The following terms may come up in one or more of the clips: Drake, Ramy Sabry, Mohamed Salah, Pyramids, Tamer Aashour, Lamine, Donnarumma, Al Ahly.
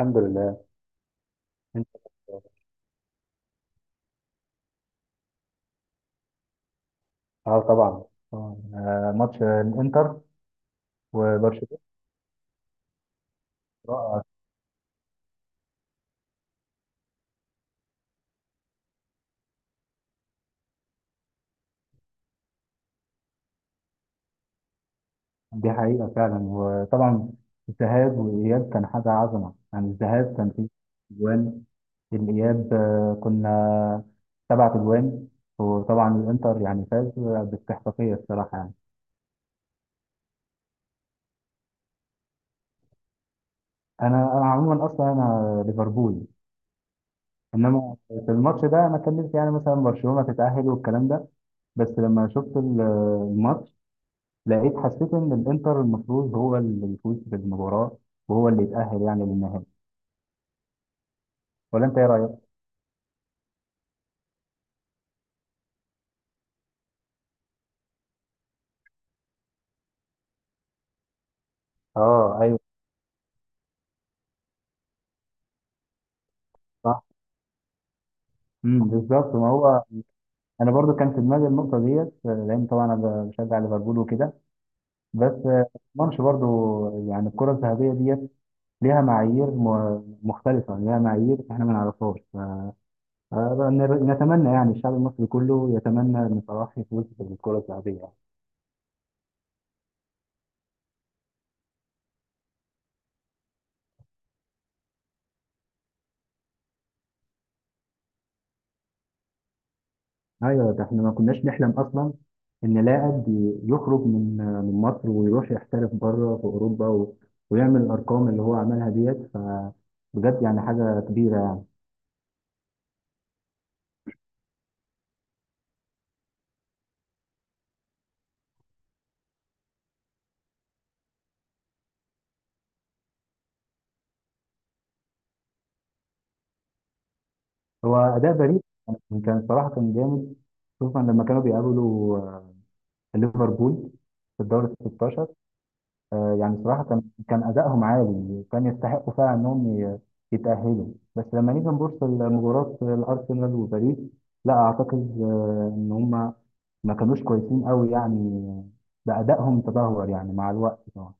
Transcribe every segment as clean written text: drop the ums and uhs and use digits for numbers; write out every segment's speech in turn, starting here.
الحمد لله. انت؟ اه، طبعا. طبعاً. آه، ماتش الانتر وبرشلونه رائع. دي حقيقه فعلا، وطبعا الذهاب والاياب كان حاجه عظمه يعني. الذهاب كان فيه اجوان، الاياب كنا سبعة اجوان، وطبعا الانتر يعني فاز باستحقاقيه الصراحه يعني. انا عموما، اصلا انا ليفربول، انما في الماتش ده انا كان نفسي يعني مثلا برشلونه تتاهل والكلام ده. بس لما شفت الماتش، لقيت، حسيت ان الانتر المفروض هو اللي يفوز بالمباراه وهو اللي يتاهل يعني للنهائي. ولا انت ايه رايك؟ اه، ايوه، صح. بالظبط، ما هو انا برضو كان في دماغي النقطه ديت، لان طبعا انا بشجع ليفربول وكده. بس ما اضمنش برضو يعني الكره الذهبيه ديت ليها معايير مختلفه، ليها معايير احنا ما نعرفهاش. آه، نتمنى يعني، الشعب المصري كله يتمنى ان صلاح يفوز بالكره الذهبيه. ايوه، ده احنا ما كناش نحلم اصلا ان لاعب يخرج من مصر ويروح يحترف بره في اوروبا، و ويعمل الارقام اللي هو عملها ديت، ف بجد يعني حاجه كبيره يعني. هو اداء باريس كان صراحه كان جامد، خصوصا لما كانوا بيقابلوا ليفربول في الدوري ال 16. يعني صراحة كان أدائهم عالي، كان يستحقوا فعلا إنهم يتأهلوا. بس لما نيجي نبص لمباراة الأرسنال وباريس، لا أعتقد إن هم ما كانوش كويسين قوي يعني، بأدائهم تدهور يعني مع الوقت طبعا.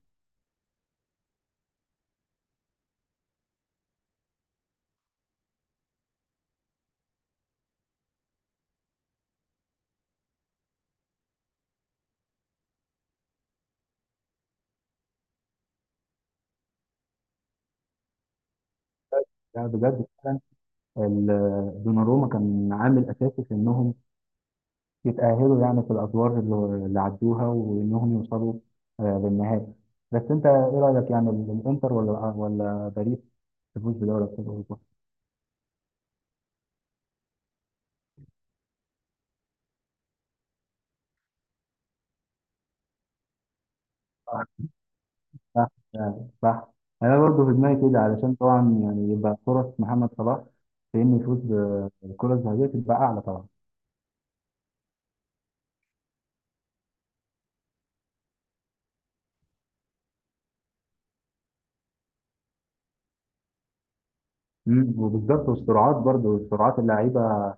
لا بجد فعلا، دوناروما كان عامل أساسي في إنهم يتأهلوا يعني، في الأدوار اللي عدوها وإنهم يوصلوا للنهائي. بس أنت إيه رأيك يعني، الإنتر ولا باريس تفوز بدوري أبطال أوروبا؟ صح، فعلا، صح. انا برضه في دماغي كده، علشان طبعا يعني يبقى فرص محمد صلاح في انه يفوز بالكره الذهبيه تبقى اعلى طبعا. وبالظبط، والسرعات برضه، سرعات اللعيبه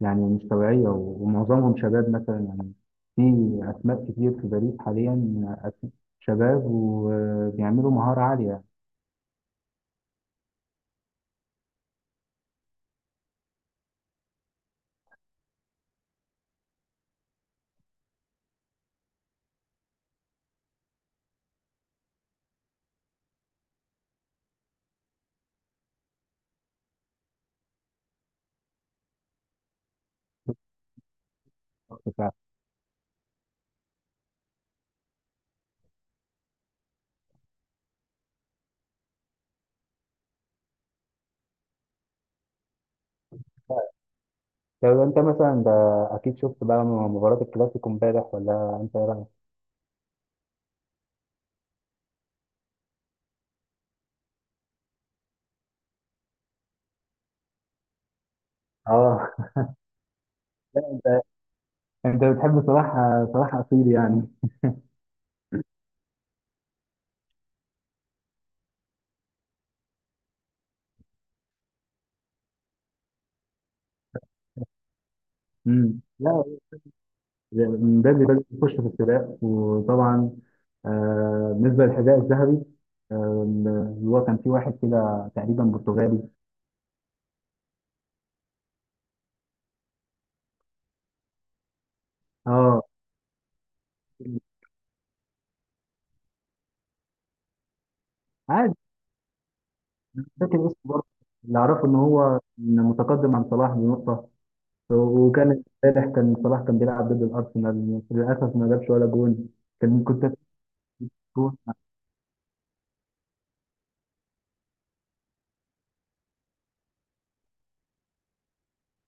يعني مش طبيعيه، ومعظمهم شباب مثلا يعني. في اسماء كتير في باريس حاليا، شباب وبيعملوا مهاره عاليه. فعلا. طب انت مثلا ده، اكيد شفت بقى مباراة الكلاسيكو امبارح، ولا انت ايه رايك؟ اه. لا انت بتحب صلاح، صلاح اصيل يعني. لا، من بدري بدري يخش في السباق، وطبعا بالنسبه للحذاء الذهبي آه، اللي هو كان في واحد كده تقريبا برتغالي. اه، عادي، مش فاكر اسمه برضه. اللي اعرفه ان هو إن متقدم عن صلاح بنقطه، وكان امبارح كان صلاح كان بيلعب ضد الارسنال للاسف، ما جابش ولا جون. كان كنت جون.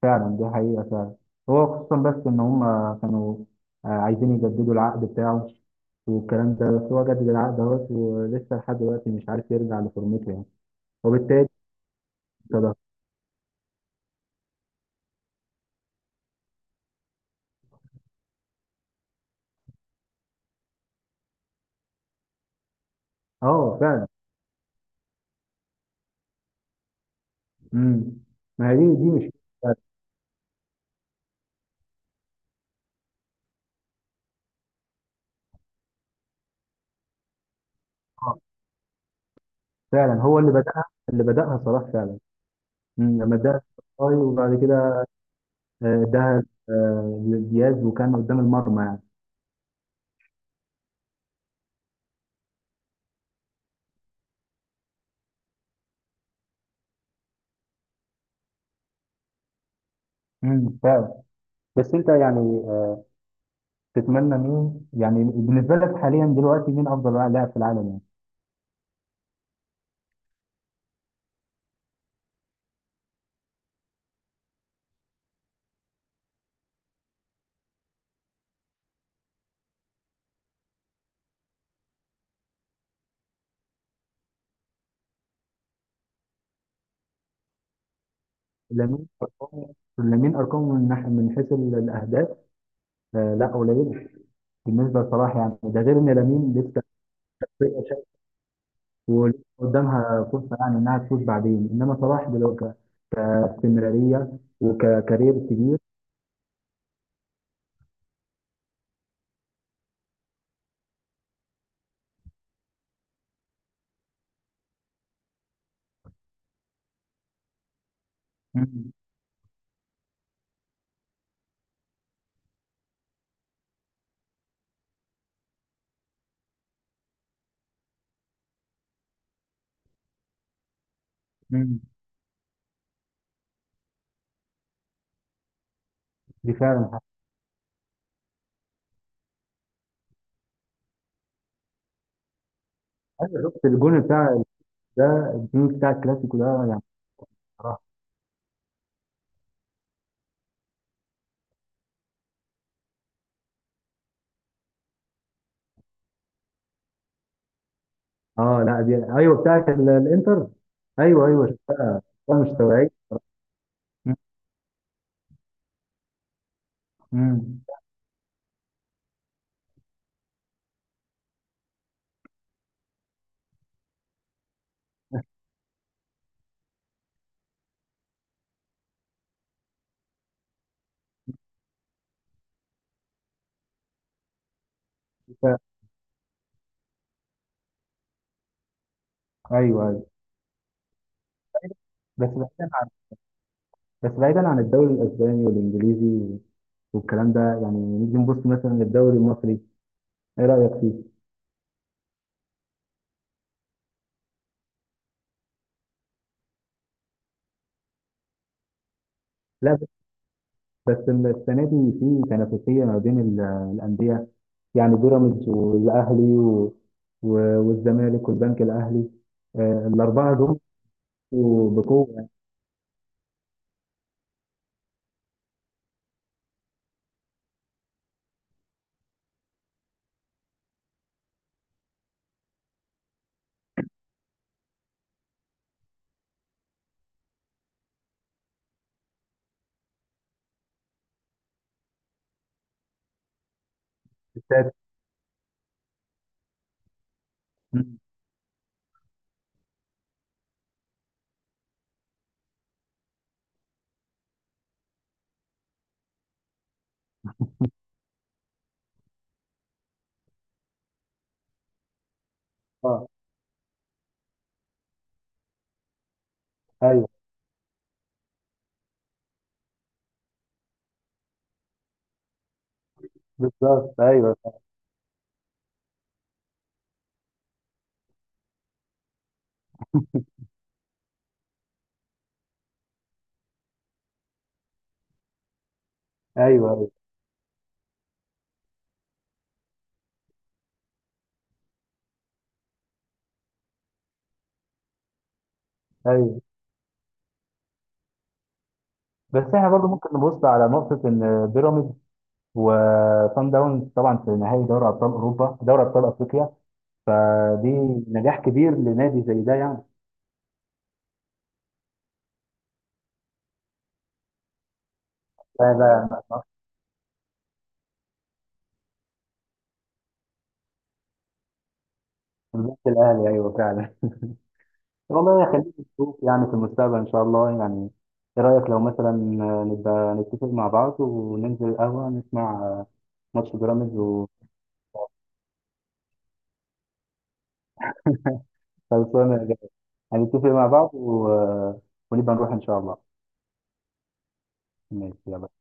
فعلا، دي حقيقة فعلا. هو خصوصا بس إن هم كانوا عايزين يجددوا العقد بتاعه والكلام ده، بس هو جدد العقد اهوت ولسه لحد دلوقتي مش عارف يرجع لفورمته يعني. وبالتالي ده، اه فعلا. امم ما هي دي، مش آه، فعلا. هو اللي بدأها، اللي بدأها صلاح فعلا. مم. لما اداها صلاح وبعد كده اداها لدياز، وكان قدام المرمى يعني. فعلا. بس انت يعني تتمنى مين يعني، بالنسبة لك حاليا دلوقتي مين افضل لاعب في العالم يعني؟ لامين ارقامه من ناحيه، من حيث الاهداف لا قليل بالنسبه لصلاح يعني. ده غير ان لامين لسه فرقة شاب ولسه قدامها فرصه يعني انها تفوز بعدين، انما صلاح دلوقتي كاستمراريه وككارير كبير. مم. مم. دي فعلا حاجة. أيوة، شفت الجون بتاع ده، الجون بتاع الكلاسيكو ده يعني، صراحه. اه، لا، دي ايوه بتاعت الانتر. ايوه، ايوه، شفتها، شفتها مش طبيعيه. مم. مم. شفتها. ايوه، ايوه. بس بس بعيدا عن الدوري الاسباني والانجليزي والكلام ده يعني، نيجي نبص مثلا للدوري المصري، ايه رايك فيه؟ لا، بس السنه دي في تنافسيه ما بين الانديه يعني، بيراميدز والاهلي والزمالك والبنك الاهلي، الاربعه دول بقوه يعني. السادس. مم. اه، ايوه، بالظبط، ايوه، ايوه، ايوه، ايوه. بس احنا برضو ممكن نبص على نقطه ان بيراميدز وصن داونز طبعا في نهائي دوري ابطال اوروبا، دوري ابطال افريقيا، فدي نجاح كبير لنادي زي ده يعني. لا، لا، بالذات الاهلي، ايوه فعلا. والله خلينا نشوف يعني في المستقبل ان شاء الله يعني. ايه رايك لو مثلا نبقى نتفق مع بعض وننزل القهوه نسمع ماتش بيراميدز وخلصانه. هنتفق مع بعض، و ونبقى نروح ان شاء الله. ماشي يلا.